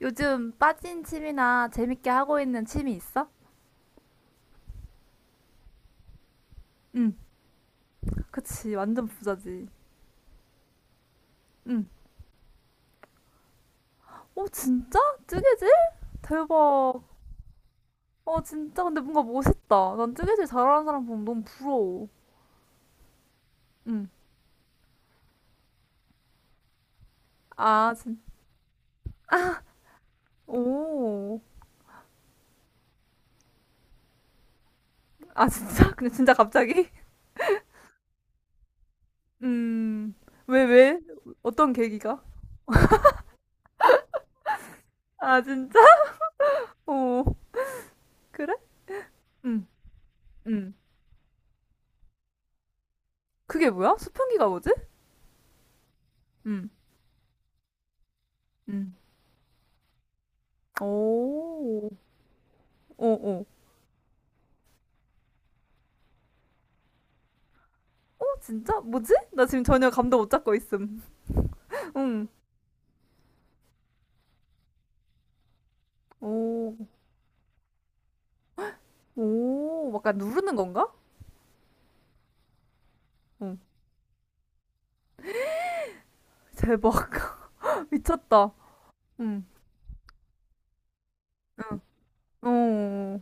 요즘 빠진 취미나 재밌게 하고 있는 취미 있어? 응, 그치. 완전 부자지. 응. 어, 진짜? 뜨개질? 대박. 어, 진짜. 근데 뭔가 멋있다. 난 뜨개질 잘하는 사람 보면 너무 부러워. 응. 아, 진, 오. 아, 진짜? 근데 진짜 갑자기? 음, 왜? 어떤 계기가? 아, 진짜? 오, 그래? 응, 응. 그게 뭐야? 수평기가 뭐지? 응, 응. 오, 오. 어, 진짜? 뭐지? 나 지금 전혀 감도 못 잡고 있음. 응. 오, 오, 약간 누르는 건가? 응. 대박. 미쳤다. 응. 어.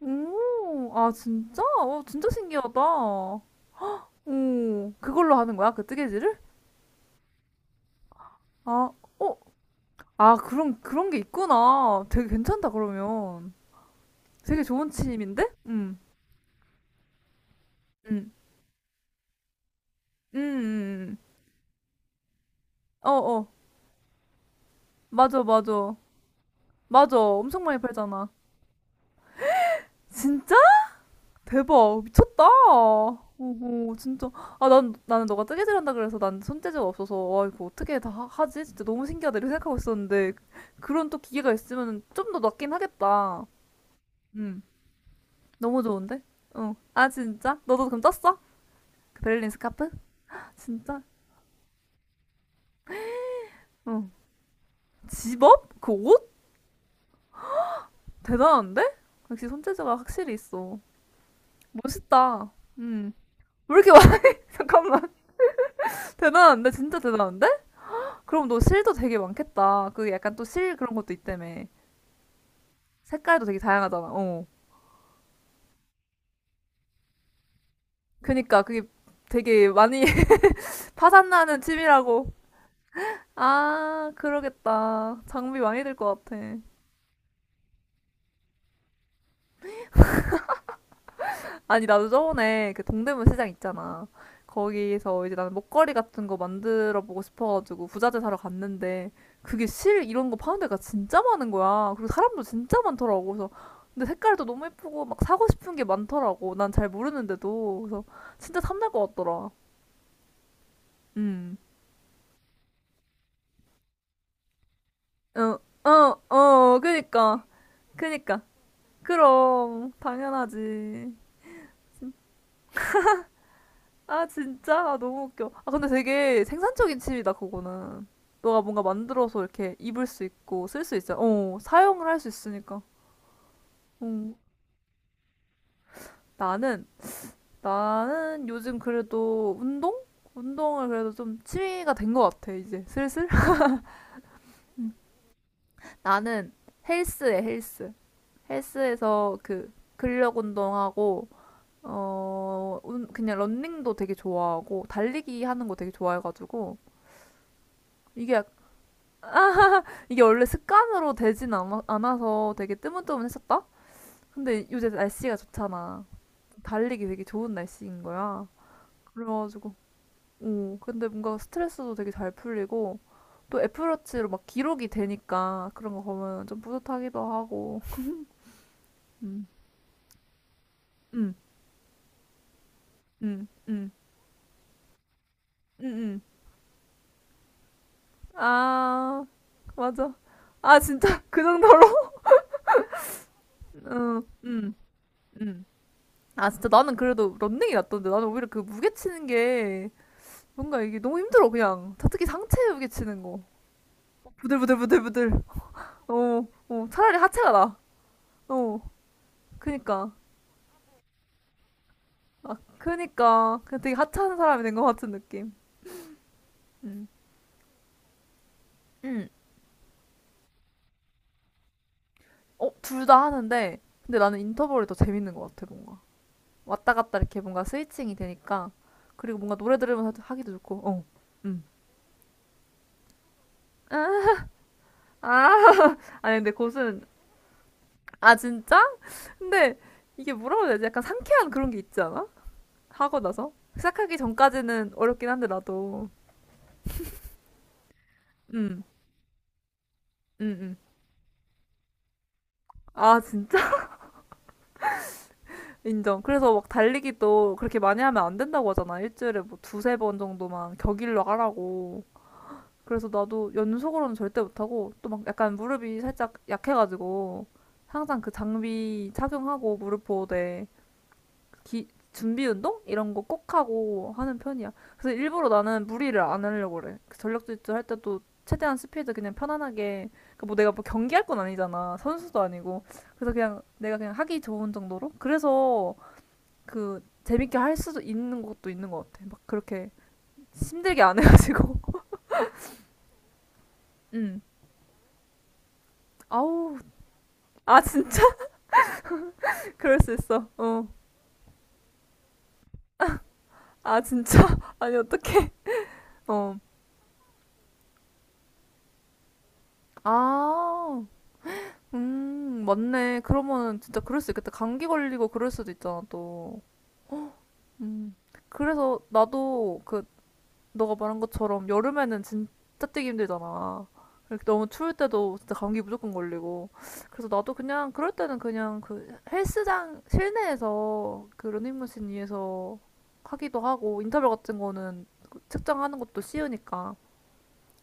오, 아, 진짜? 어, 진짜 신기하다. 오, 그걸로 하는 거야? 그 뜨개질을? 아, 어. 아, 그런 게 있구나. 되게 괜찮다, 그러면. 되게 좋은 취미인데? 응, 응, 응, 응. 응. 어, 어. 맞아, 맞아. 맞아. 엄청 많이 팔잖아. 진짜? 대박 미쳤다. 오호 진짜 아 난 나는 너가 뜨개질 한다 그래서 난 손재주가 없어서 와 이거 어떻게 다 하지? 진짜 너무 신기하다 이렇게 생각하고 있었는데 그런 또 기계가 있으면 좀 더 낫긴 하겠다. 음 너무 좋은데? 응. 아 진짜? 너도 그럼 떴어? 그 베를린 스카프? 진짜? 응. 집업? 그 옷? 대단한데? 역시 손재주가 확실히 있어. 멋있다. 음. 왜 이렇게 많 잠깐만 대단한데 진짜 대단한데? 그럼 너 실도 되게 많겠다. 그 약간 또 실 그런 것도 있다며. 색깔도 되게 다양하잖아. 어. 그니까 그게 되게 많이 파산나는 취미라고. 아, 그러겠다. 장비 많이 들 것 같아. 아니, 나도 저번에 그 동대문 시장 있잖아. 거기서 이제 나는 목걸이 같은 거 만들어 보고 싶어가지고 부자재 사러 갔는데 그게 실 이런 거 파는 데가 진짜 많은 거야. 그리고 사람도 진짜 많더라고. 그래서 근데 색깔도 너무 예쁘고 막 사고 싶은 게 많더라고. 난 잘 모르는데도. 그래서 진짜 탐날 것 같더라. 음. 어, 어, 어, 그니까. 그니까. 그럼, 당연하지. 아, 진짜? 아, 너무 웃겨. 아, 근데 되게 생산적인 칩이다, 그거는. 너가 뭔가 만들어서 이렇게 입을 수 있고, 쓸 수 있어. 어, 사용을 할 수 있으니까. 어. 나는, 나는 요즘 그래도 운동? 운동을 그래도 좀 취미가 된 것 같아, 이제. 슬슬. 음. 나는 헬스에 헬스. 헬스에서 그 근력 운동하고, 어, 그냥 런닝도 되게 좋아하고, 달리기 하는 거 되게 좋아해가지고, 이게 이게 원래 습관으로 되진 않아서 되게 뜨문뜨문했었다? 근데 요새 날씨가 좋잖아. 달리기 되게 좋은 날씨인 거야. 그래가지고, 오, 근데 뭔가 스트레스도 되게 잘 풀리고, 또 애플워치로 막 기록이 되니까 그런 거 보면 좀 뿌듯하기도 하고. 음, 음, 음, 음, 음, 음. 아, 맞아. 아, 진짜, 그 정도로? 음, 음, 음. 아, 진짜 나는 그래도 런닝이 낫던데. 나는 오히려 그 무게 치는 게 뭔가 이게 너무 힘들어 그냥 특히 상체에 치는 거 부들부들부들부들 어, 어 차라리 하체가 나어 그니까 아 그니까 그냥 되게 하찮은 사람이 된 것 같은 느낌 음음어둘 다 하는데 근데 나는 인터벌이 더 재밌는 것 같아 뭔가 왔다 갔다 이렇게 뭔가 스위칭이 되니까 그리고 뭔가 노래 들으면서 하기도 좋고 어 음. 아, 아니 근데 곳은 아 진짜? 근데 이게 뭐라고 해야 되지? 약간 상쾌한 그런 게 있지 않아? 하고 나서 시작하기 전까지는 어렵긴 한데 나도 음, 음, 음. 아 진짜 인정. 그래서 막 달리기도 그렇게 많이 하면 안 된다고 하잖아. 일주일에 뭐 두세 번 정도만 격일로 하라고. 그래서 나도 연속으로는 절대 못하고 또 막 약간 무릎이 살짝 약해가지고 항상 그 장비 착용하고 무릎 보호대 기, 준비 운동 이런 거 꼭 하고 하는 편이야. 그래서 일부러 나는 무리를 안 하려고 그래. 그 전력 질주 할 때도 최대한 스피드 그냥 편안하게 그뭐 내가 뭐 경기할 건 아니잖아. 선수도 아니고. 그래서 그냥 내가 그냥 하기 좋은 정도로. 그래서 그 재밌게 할 수도 있는 것도 있는 것 같아. 막 그렇게 힘들게 안 해가지고. 음. 아우. 아 진짜? 그럴 수 있어. 어. 아 진짜? 아니 어떡해. 어. 아. 맞네. 그러면은 진짜 그럴 수 있겠다. 감기 걸리고 그럴 수도 있잖아, 또. 음. 그래서 나도 그, 너가 말한 것처럼 여름에는 진짜 뛰기 힘들잖아. 이렇게 너무 추울 때도 진짜 감기 무조건 걸리고. 그래서 나도 그냥, 그럴 때는 그냥 그 헬스장 실내에서 그 러닝머신 위에서 하기도 하고, 인터벌 같은 거는 그 측정하는 것도 쉬우니까.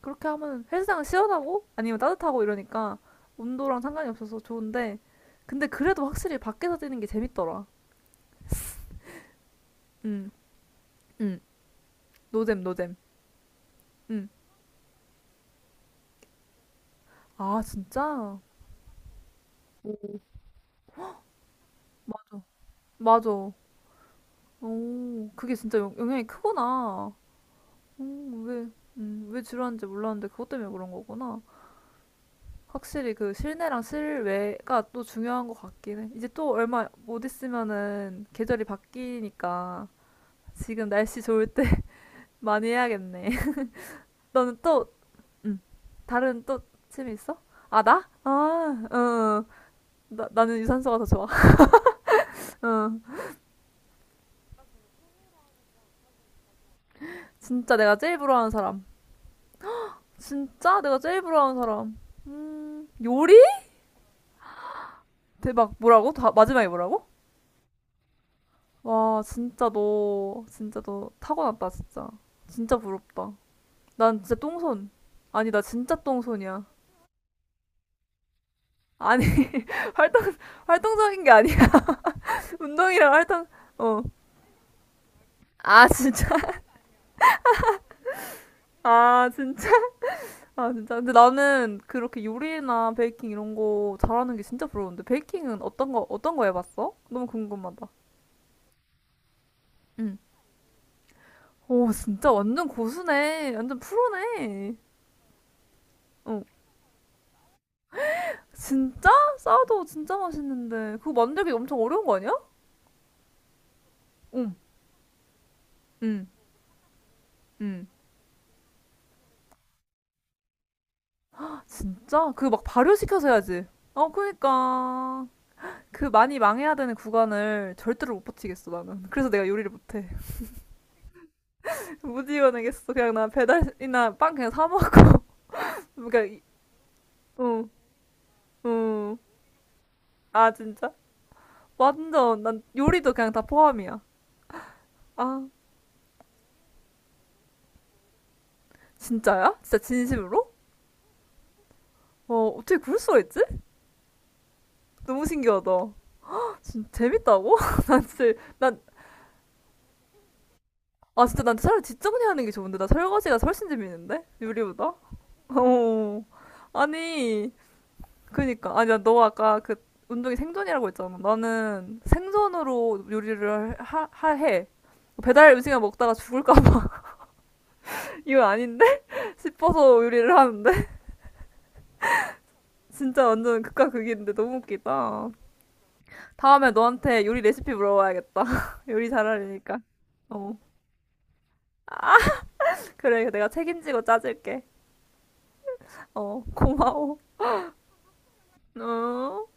그렇게 하면 헬스장은 시원하고 아니면 따뜻하고 이러니까 온도랑 상관이 없어서 좋은데 근데 그래도 확실히 밖에서 뛰는 게 재밌더라. 응, 응, 노잼, 노잼. 응. 아, 진짜? 마, 맞아. 오, 그게 진짜 영향이 크구나. 음, 왜, 왜 지루한지 몰랐는데 그것 때문에 그런 거구나. 확실히 그 실내랑 실외가 또 중요한 것 같긴 해. 이제 또 얼마 못 있으면은 계절이 바뀌니까 지금 날씨 좋을 때 많이 해야겠네. 너는 또, 음, 다른 또 취미 있어? 아, 나? 아, 어, 나는 유산소가 더 좋아. 어, 진짜 내가 제일 부러워하는 사람. 진짜 내가 제일 부러워하는 사람. 요리? 대박. 뭐라고? 다, 마지막에 뭐라고? 와, 진짜 너 타고났다, 진짜. 진짜 부럽다. 난 진짜 똥손. 아니, 나 진짜 똥손이야. 아니, 활동, 활동적인 게 아니야. 운동이랑 활동, 어. 아, 진짜. 아, 진짜. 아, 진짜. 근데 나는 그렇게 요리나 베이킹 이런 거 잘하는 게 진짜 부러운데. 베이킹은 어떤 거 해봤어? 너무 궁금하다. 응. 오, 진짜 완전 고수네. 완전 프로네. 어. 진짜? 싸도 진짜 맛있는데. 그거 만들기 엄청 어려운 거 아니야? 응. 응, 응. 아, 진짜? 그 막 발효시켜서 해야지. 어, 그니까. 그 많이 망해야 되는 구간을 절대로 못 버티겠어, 나는. 그래서 내가 요리를 못해. 못 이겨내겠어. 그냥 나 배달이나 빵 그냥 사 먹고. 그러니까 응, 응. 아, 진짜? 완전, 난 요리도 그냥 다 포함이야. 아, 진짜야? 진짜 진심으로? 어, 어떻게 그럴 수가 있지? 너무 신기하다. 진짜 재밌다고? 난 진짜, 난, 아, 진짜 난 차라리 뒷정리 하는 게 좋은데. 나 설거지가 훨씬 재밌는데? 요리보다? 어, 아니, 그니까. 아니, 너 아까 그 운동이 생존이라고 했잖아. 나는 생존으로 요리를 하 해. 배달 음식을 먹다가 죽을까봐 이건 아닌데 싶어서 요리를 하는데 진짜 완전 극과 극인데 너무 웃기다. 다음에 너한테 요리 레시피 물어봐야겠다. 요리 잘하려니까. 어. 아, 그래. 내가 책임지고 짜줄게. 어, 고마워. 어.